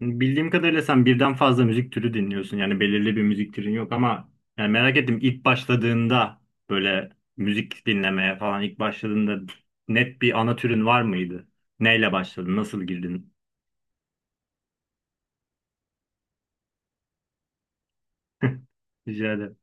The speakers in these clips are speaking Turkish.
Bildiğim kadarıyla sen birden fazla müzik türü dinliyorsun. Yani belirli bir müzik türün yok ama yani merak ettim ilk başladığında böyle müzik dinlemeye falan ilk başladığında net bir ana türün var mıydı? Neyle başladın? Nasıl girdin? Rica ederim.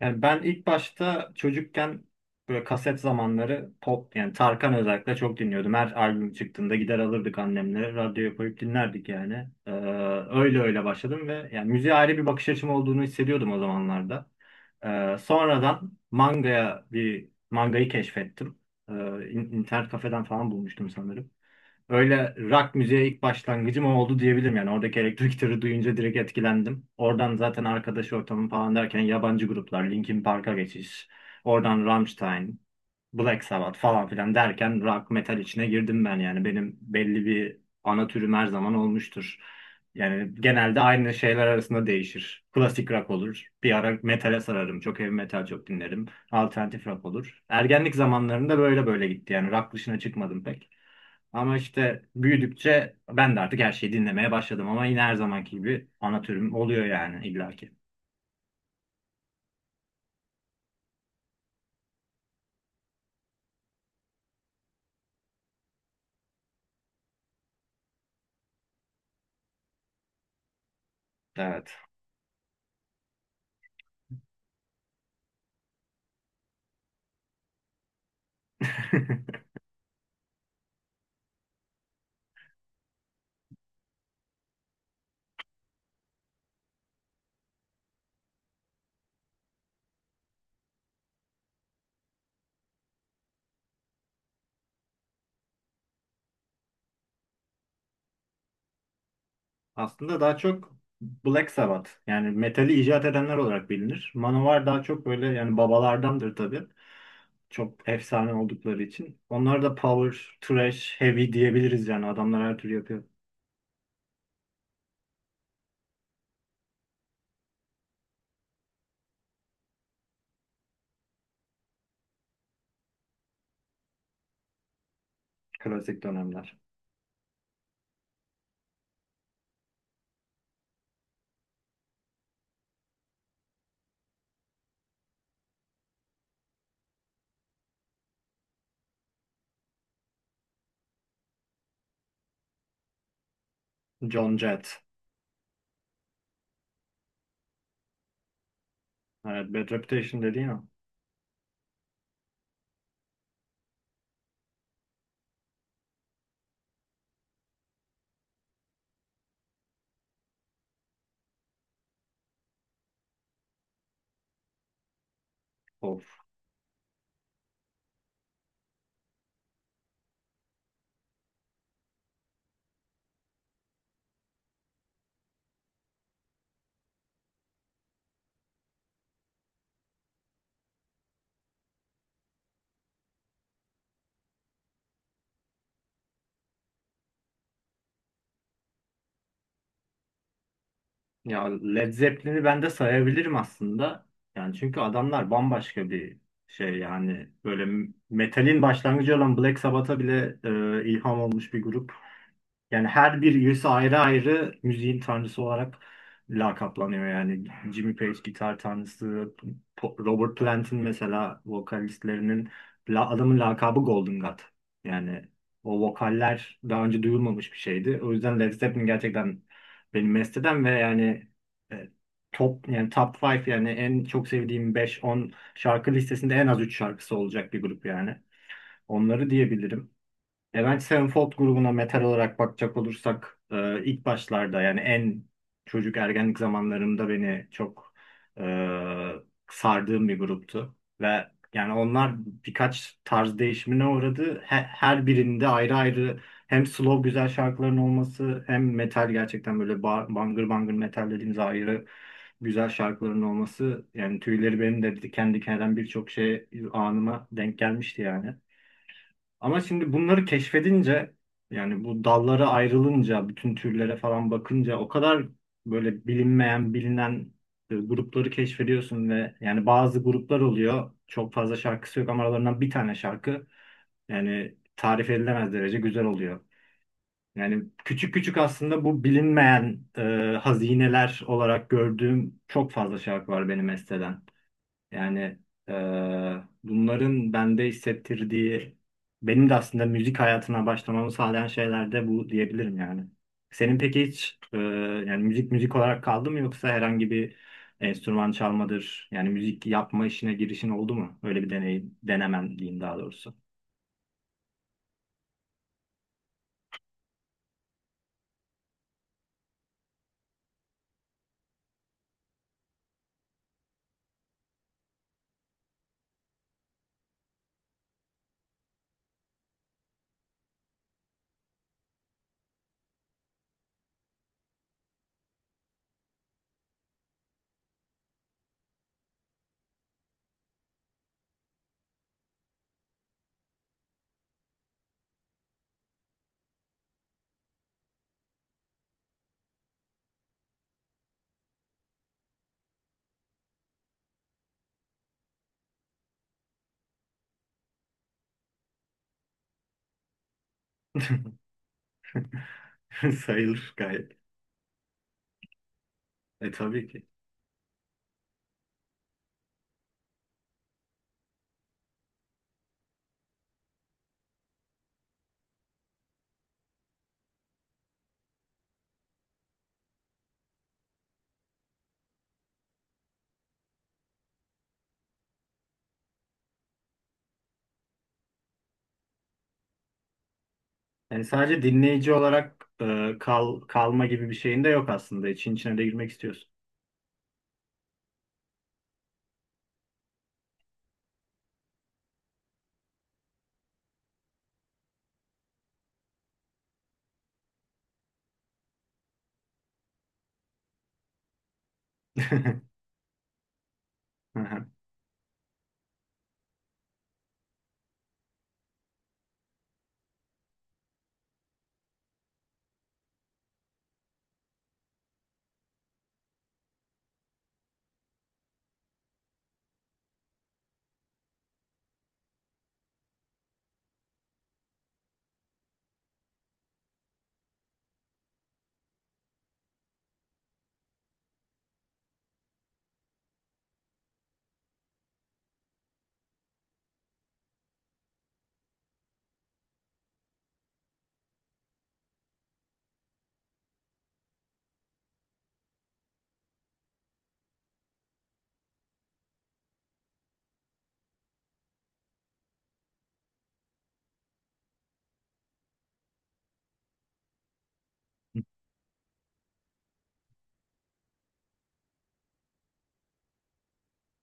Yani ben ilk başta çocukken böyle kaset zamanları pop yani Tarkan özellikle çok dinliyordum. Her albüm çıktığında gider alırdık annemle radyoya koyup dinlerdik yani. Öyle öyle başladım ve yani müziğe ayrı bir bakış açım olduğunu hissediyordum o zamanlarda. Sonradan mangaya bir mangayı keşfettim. Ee, internet kafeden falan bulmuştum sanırım. Öyle rock müziğe ilk başlangıcım o oldu diyebilirim yani. Oradaki elektro gitarı duyunca direkt etkilendim. Oradan zaten arkadaş ortamı falan derken yabancı gruplar, Linkin Park'a geçiş, oradan Rammstein, Black Sabbath falan filan derken rock metal içine girdim ben yani. Benim belli bir ana türüm her zaman olmuştur. Yani genelde aynı şeyler arasında değişir. Klasik rock olur. Bir ara metale sararım. Çok heavy metal çok dinlerim. Alternatif rock olur. Ergenlik zamanlarında böyle böyle gitti yani. Rock dışına çıkmadım pek. Ama işte büyüdükçe ben de artık her şeyi dinlemeye başladım ama yine her zamanki gibi ana türüm oluyor yani illaki. Evet. Aslında daha çok Black Sabbath yani metali icat edenler olarak bilinir. Manowar daha çok böyle yani babalardandır tabii. Çok efsane oldukları için. Onlar da power, thrash, heavy diyebiliriz yani adamlar her türlü yapıyor. Klasik dönemler. John Jett. Evet, Bad Reputation dediğin o. Ya Led Zeppelin'i ben de sayabilirim aslında. Yani çünkü adamlar bambaşka bir şey yani böyle metalin başlangıcı olan Black Sabbath'a bile ilham olmuş bir grup. Yani her bir üyesi ayrı ayrı müziğin tanrısı olarak lakaplanıyor yani. Jimmy Page gitar tanrısı, Robert Plant'in mesela vokalistlerinin adamın lakabı Golden God. Yani o vokaller daha önce duyulmamış bir şeydi. O yüzden Led Zeppelin gerçekten benim mesteden ve yani e, top yani top 5 yani en çok sevdiğim 5-10 şarkı listesinde en az 3 şarkısı olacak bir grup yani. Onları diyebilirim. Avenged Sevenfold grubuna metal olarak bakacak olursak ilk başlarda yani en çocuk ergenlik zamanlarımda beni çok e, sardığım bir gruptu. Ve yani onlar birkaç tarz değişimine uğradı. Her birinde ayrı ayrı hem slow güzel şarkıların olması hem metal gerçekten böyle bangır bangır metal dediğimiz ayrı güzel şarkıların olması yani tüyleri benim de diken diken eden birçok şey anıma denk gelmişti yani. Ama şimdi bunları keşfedince yani bu dallara ayrılınca bütün türlere falan bakınca o kadar böyle bilinmeyen bilinen grupları keşfediyorsun ve yani bazı gruplar oluyor çok fazla şarkısı yok ama aralarından bir tane şarkı yani tarif edilemez derece güzel oluyor. Yani küçük küçük aslında bu bilinmeyen hazineler olarak gördüğüm çok fazla şarkı var benim esteden. Yani bunların bende hissettirdiği, benim de aslında müzik hayatına başlamamı sağlayan şeyler de bu diyebilirim yani. Senin peki hiç yani müzik müzik olarak kaldı mı yoksa herhangi bir enstrüman çalmadır, yani müzik yapma işine girişin oldu mu? Öyle bir deneyim, denemen diyeyim daha doğrusu. Sayılır gayet. E tabii ki. Yani sadece dinleyici olarak kalma gibi bir şeyin de yok aslında. İçin içine de girmek istiyorsun.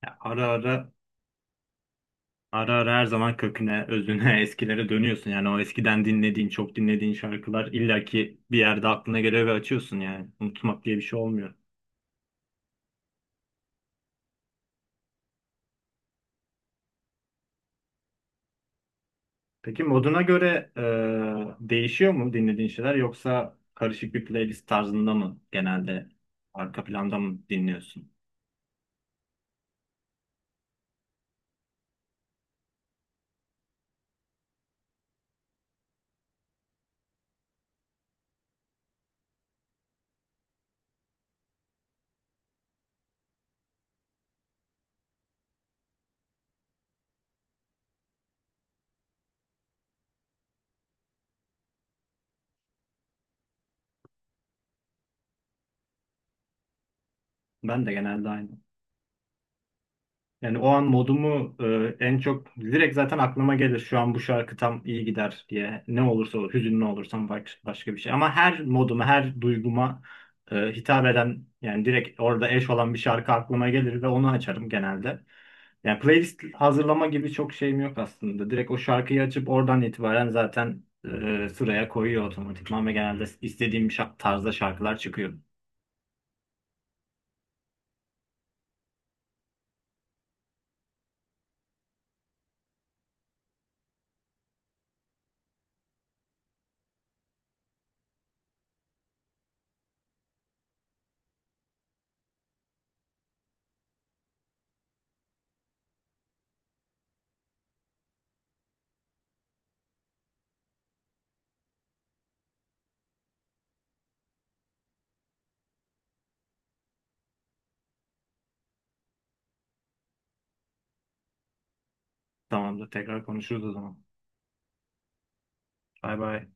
Ya ara ara Ara ara her zaman köküne, özüne, eskilere dönüyorsun. Yani o eskiden dinlediğin, çok dinlediğin şarkılar illaki bir yerde aklına geliyor ve açıyorsun yani. Unutmak diye bir şey olmuyor. Peki moduna göre değişiyor mu dinlediğin şeyler yoksa karışık bir playlist tarzında mı genelde arka planda mı dinliyorsun? Ben de genelde aynı. Yani o an modumu en çok direkt zaten aklıma gelir. Şu an bu şarkı tam iyi gider diye. Ne olursa olur. Hüzünlü olursam başka bir şey. Ama her moduma, her duyguma hitap eden yani direkt orada eş olan bir şarkı aklıma gelir ve onu açarım genelde. Yani playlist hazırlama gibi çok şeyim yok aslında. Direkt o şarkıyı açıp oradan itibaren zaten sıraya koyuyor otomatikman ve genelde istediğim tarzda şarkılar çıkıyor. Tamamdır. Tekrar konuşuruz o zaman. Bay bay.